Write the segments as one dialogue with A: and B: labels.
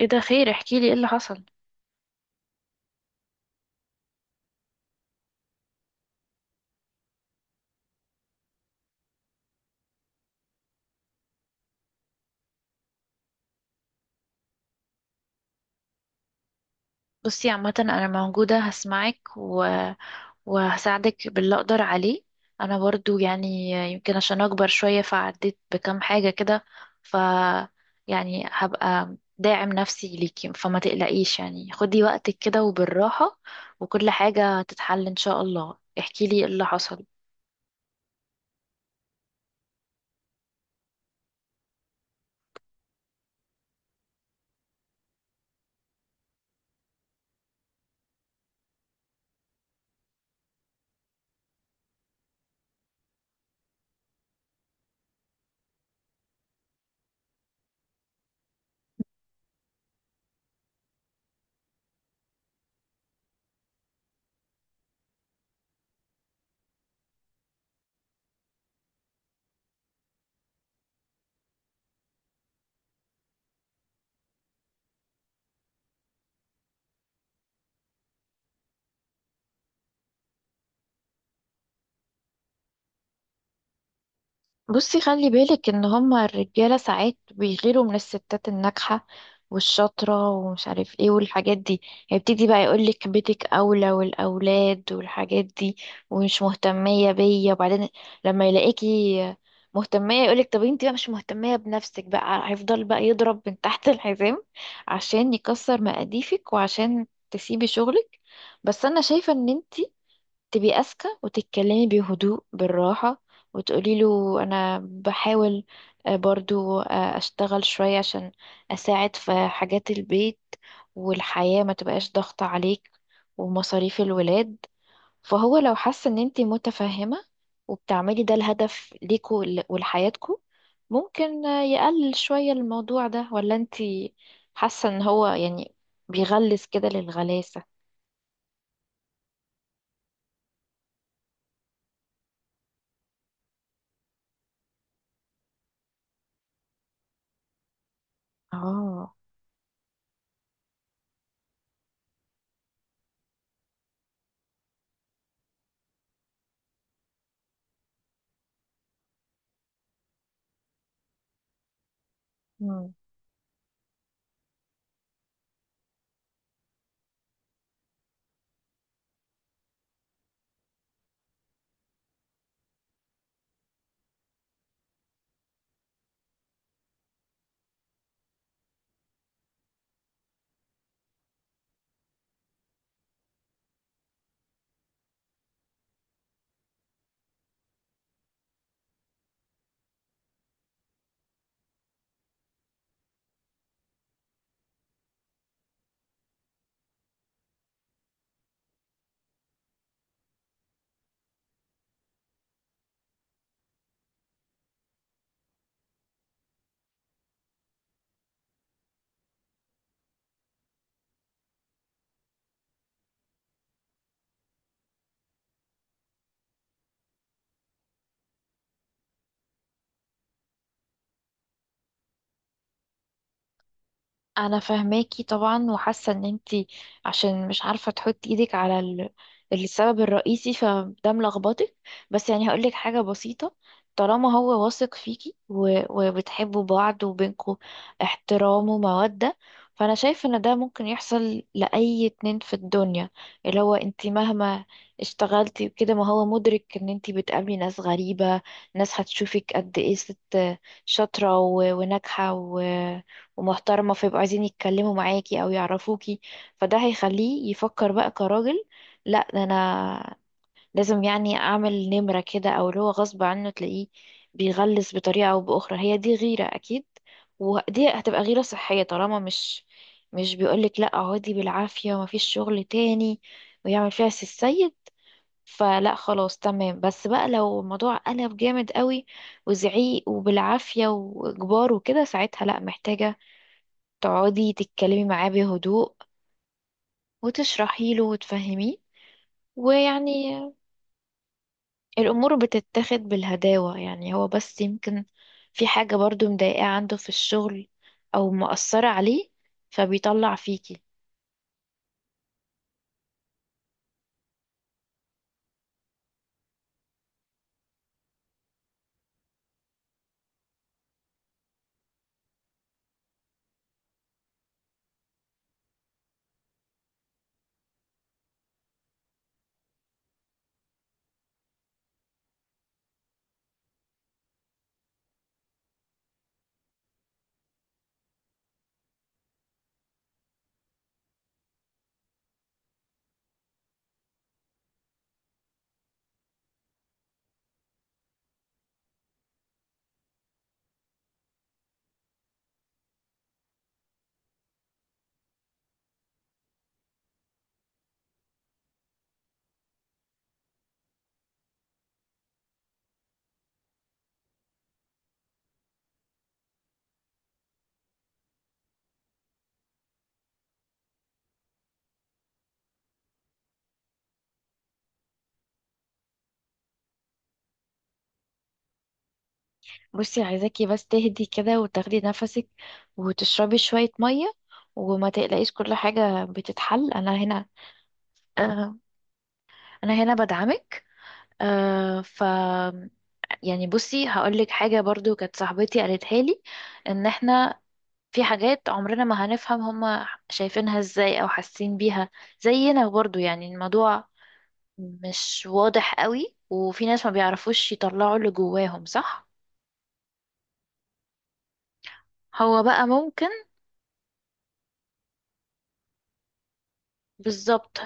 A: ايه ده، خير؟ احكي لي ايه اللي حصل. بصي، عامة انا موجودة هسمعك وهساعدك باللي اقدر عليه. انا برضو يعني يمكن عشان اكبر شوية فعديت بكام حاجة كده، ف يعني هبقى داعم نفسي ليكي، فما تقلقيش، يعني خدي وقتك كده وبالراحة، وكل حاجة هتتحل ان شاء الله. احكي لي ايه اللي حصل. بصي، خلي بالك ان هما الرجالة ساعات بيغيروا من الستات الناجحة والشاطرة ومش عارف ايه والحاجات دي. هيبتدي بقى يقولك بيتك اولى والاولاد والحاجات دي ومش مهتمية بيا، وبعدين لما يلاقيكي مهتمية يقولك طب انتي بقى مش مهتمية بنفسك. بقى هيفضل بقى يضرب من تحت الحزام عشان يكسر مقاديفك وعشان تسيبي شغلك. بس انا شايفة ان انتي تبقي أذكى وتتكلمي بهدوء بالراحة وتقولي له أنا بحاول برضو أشتغل شوية عشان أساعد في حاجات البيت والحياة ما تبقاش ضغط عليك ومصاريف الولاد. فهو لو حس إن أنتي متفهمة وبتعملي ده الهدف ليكوا ولحياتكوا، ممكن يقلل شوية الموضوع ده. ولا أنتي حاسة إن هو يعني بيغلس كده للغلاسة؟ اه، انا فاهماكي طبعا، وحاسه ان انتي عشان مش عارفه تحطي ايدك على السبب الرئيسي، فده ملخبطك. بس يعني هقولك حاجه بسيطه، طالما هو واثق فيكي وبتحبوا بعض وبينكوا احترام وموده، فانا شايفه ان ده ممكن يحصل لاي اتنين في الدنيا. اللي هو انتي مهما اشتغلتي وكده، ما هو مدرك ان انتي بتقابلي ناس غريبه، ناس هتشوفك قد ايه ست شاطره وناجحه ومحترمة، فيبقوا عايزين يتكلموا معاكي أو يعرفوكي. فده هيخليه يفكر بقى كراجل، لا ده أنا لازم يعني أعمل نمرة كده، أو اللي هو غصب عنه تلاقيه بيغلس بطريقة أو بأخرى. هي دي غيرة أكيد، ودي هتبقى غيرة صحية طالما مش بيقولك لا اقعدي بالعافية ومفيش شغل تاني ويعمل فيها سي السيد. فلا، خلاص تمام. بس بقى لو الموضوع قلب جامد قوي وزعيق وبالعافية وإجبار وكده، ساعتها لا، محتاجة تقعدي تتكلمي معاه بهدوء وتشرحي له وتفهميه. ويعني الأمور بتتاخد بالهداوة. يعني هو بس يمكن في حاجة برضو مضايقاه عنده في الشغل أو مأثرة عليه، فبيطلع فيكي. بصي، عايزاكي بس تهدي كده وتاخدي نفسك وتشربي شوية مية، وما تقلقيش، كل حاجة بتتحل. أنا هنا، آه، أنا هنا بدعمك. آه، ف يعني بصي هقولك حاجة برضو كانت صاحبتي قالتها لي، ان احنا في حاجات عمرنا ما هنفهم هما شايفينها ازاي او حاسين بيها زينا. برضو يعني الموضوع مش واضح قوي، وفي ناس ما بيعرفوش يطلعوا اللي جواهم صح. هو بقى ممكن. بالظبط.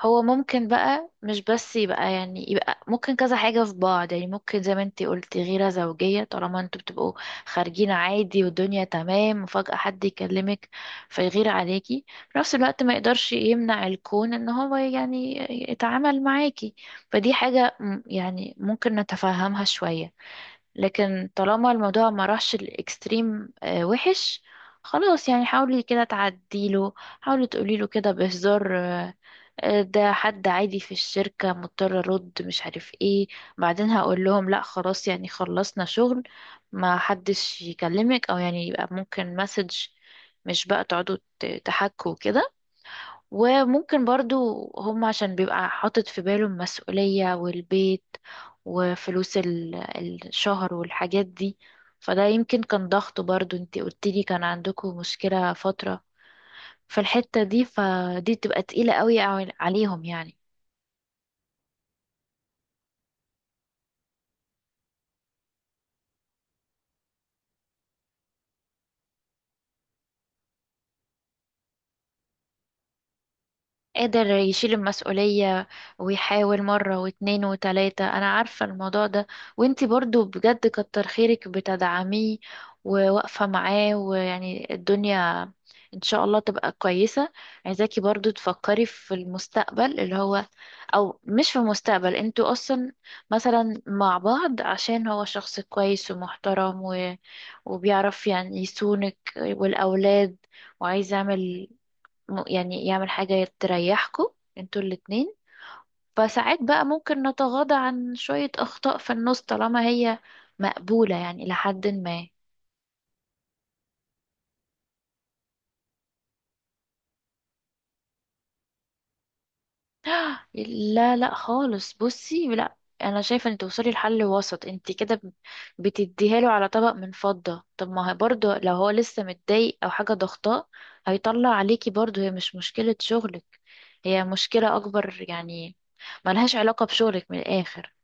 A: هو ممكن بقى مش بس يبقى يعني يبقى ممكن كذا حاجة في بعض. يعني ممكن زي ما انتي قلتي غيرة زوجية، طالما انتوا بتبقوا خارجين عادي والدنيا تمام وفجأة حد يكلمك فيغير عليكي، في نفس الوقت ما يقدرش يمنع الكون ان هو يعني يتعامل معاكي. يعني ممكن نتفهمها شوية. لكن طالما الموضوع ما راحش الاكستريم وحش، خلاص، يعني حاولي كده تعديله. حاولي تقوليله كده بهزار، ده حد عادي في الشركة، مضطر ارد مش عارف ايه. بعدين هقول لهم لا خلاص يعني خلصنا شغل، ما حدش يكلمك، او يعني يبقى ممكن مسج، مش بقى تقعدوا تحكوا كده. وممكن برضو هم عشان بيبقى حاطط في باله المسؤولية والبيت وفلوس الشهر والحاجات دي. فده يمكن كان ضغط. برضو انتي قلتلي كان عندكم مشكلة فترة في الحتة دي، فدي تبقى تقيلة قوي عليهم يعني. قادر يشيل المسؤولية ويحاول مرة واتنين وتلاتة، أنا عارفة الموضوع ده. وانتي برضو بجد كتر خيرك بتدعميه وواقفة معاه، ويعني الدنيا إن شاء الله تبقى كويسة. عايزاكي برضو تفكري في المستقبل اللي هو، أو مش في المستقبل، انتوا أصلا مثلا مع بعض عشان هو شخص كويس ومحترم وبيعرف يعني يصونك والأولاد، وعايز يعمل يعني يعمل حاجة تريحكوا انتوا الاتنين. فساعات بقى ممكن نتغاضى عن شوية أخطاء في النص طالما هي مقبولة يعني إلى حد ما. لا لا، خالص، بصي لا. أنا شايفة إن توصلي لحل وسط. انت كده بتديها له على طبق من فضة. طب ما هي برضه لو هو لسه متضايق أو حاجة ضغطاه، هيطلع عليكي برضه. هي مش مشكلة شغلك، هي مشكلة أكبر يعني، ملهاش علاقة بشغلك من الآخر.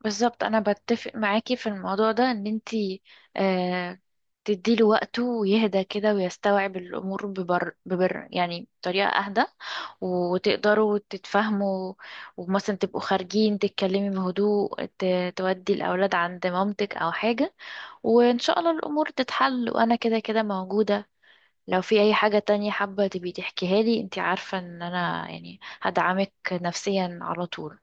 A: بالظبط، انا بتفق معاكي في الموضوع ده، ان انتي آه تديله وقته ويهدى كده ويستوعب الامور ببر يعني بطريقه اهدى، وتقدروا تتفاهموا. ومثلا تبقوا خارجين تتكلمي بهدوء، تودي الاولاد عند مامتك او حاجه، وان شاء الله الامور تتحل. وانا كده كده موجوده، لو في اي حاجه تانية حابه تبي تحكيها لي، انتي عارفه ان انا يعني هدعمك نفسيا على طول.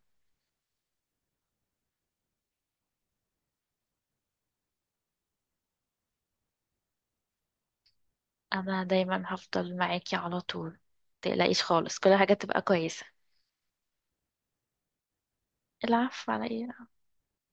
A: انا دايما هفضل معاكي على طول، متقلقيش خالص، كل حاجة تبقى كويسة. العفو على ايه.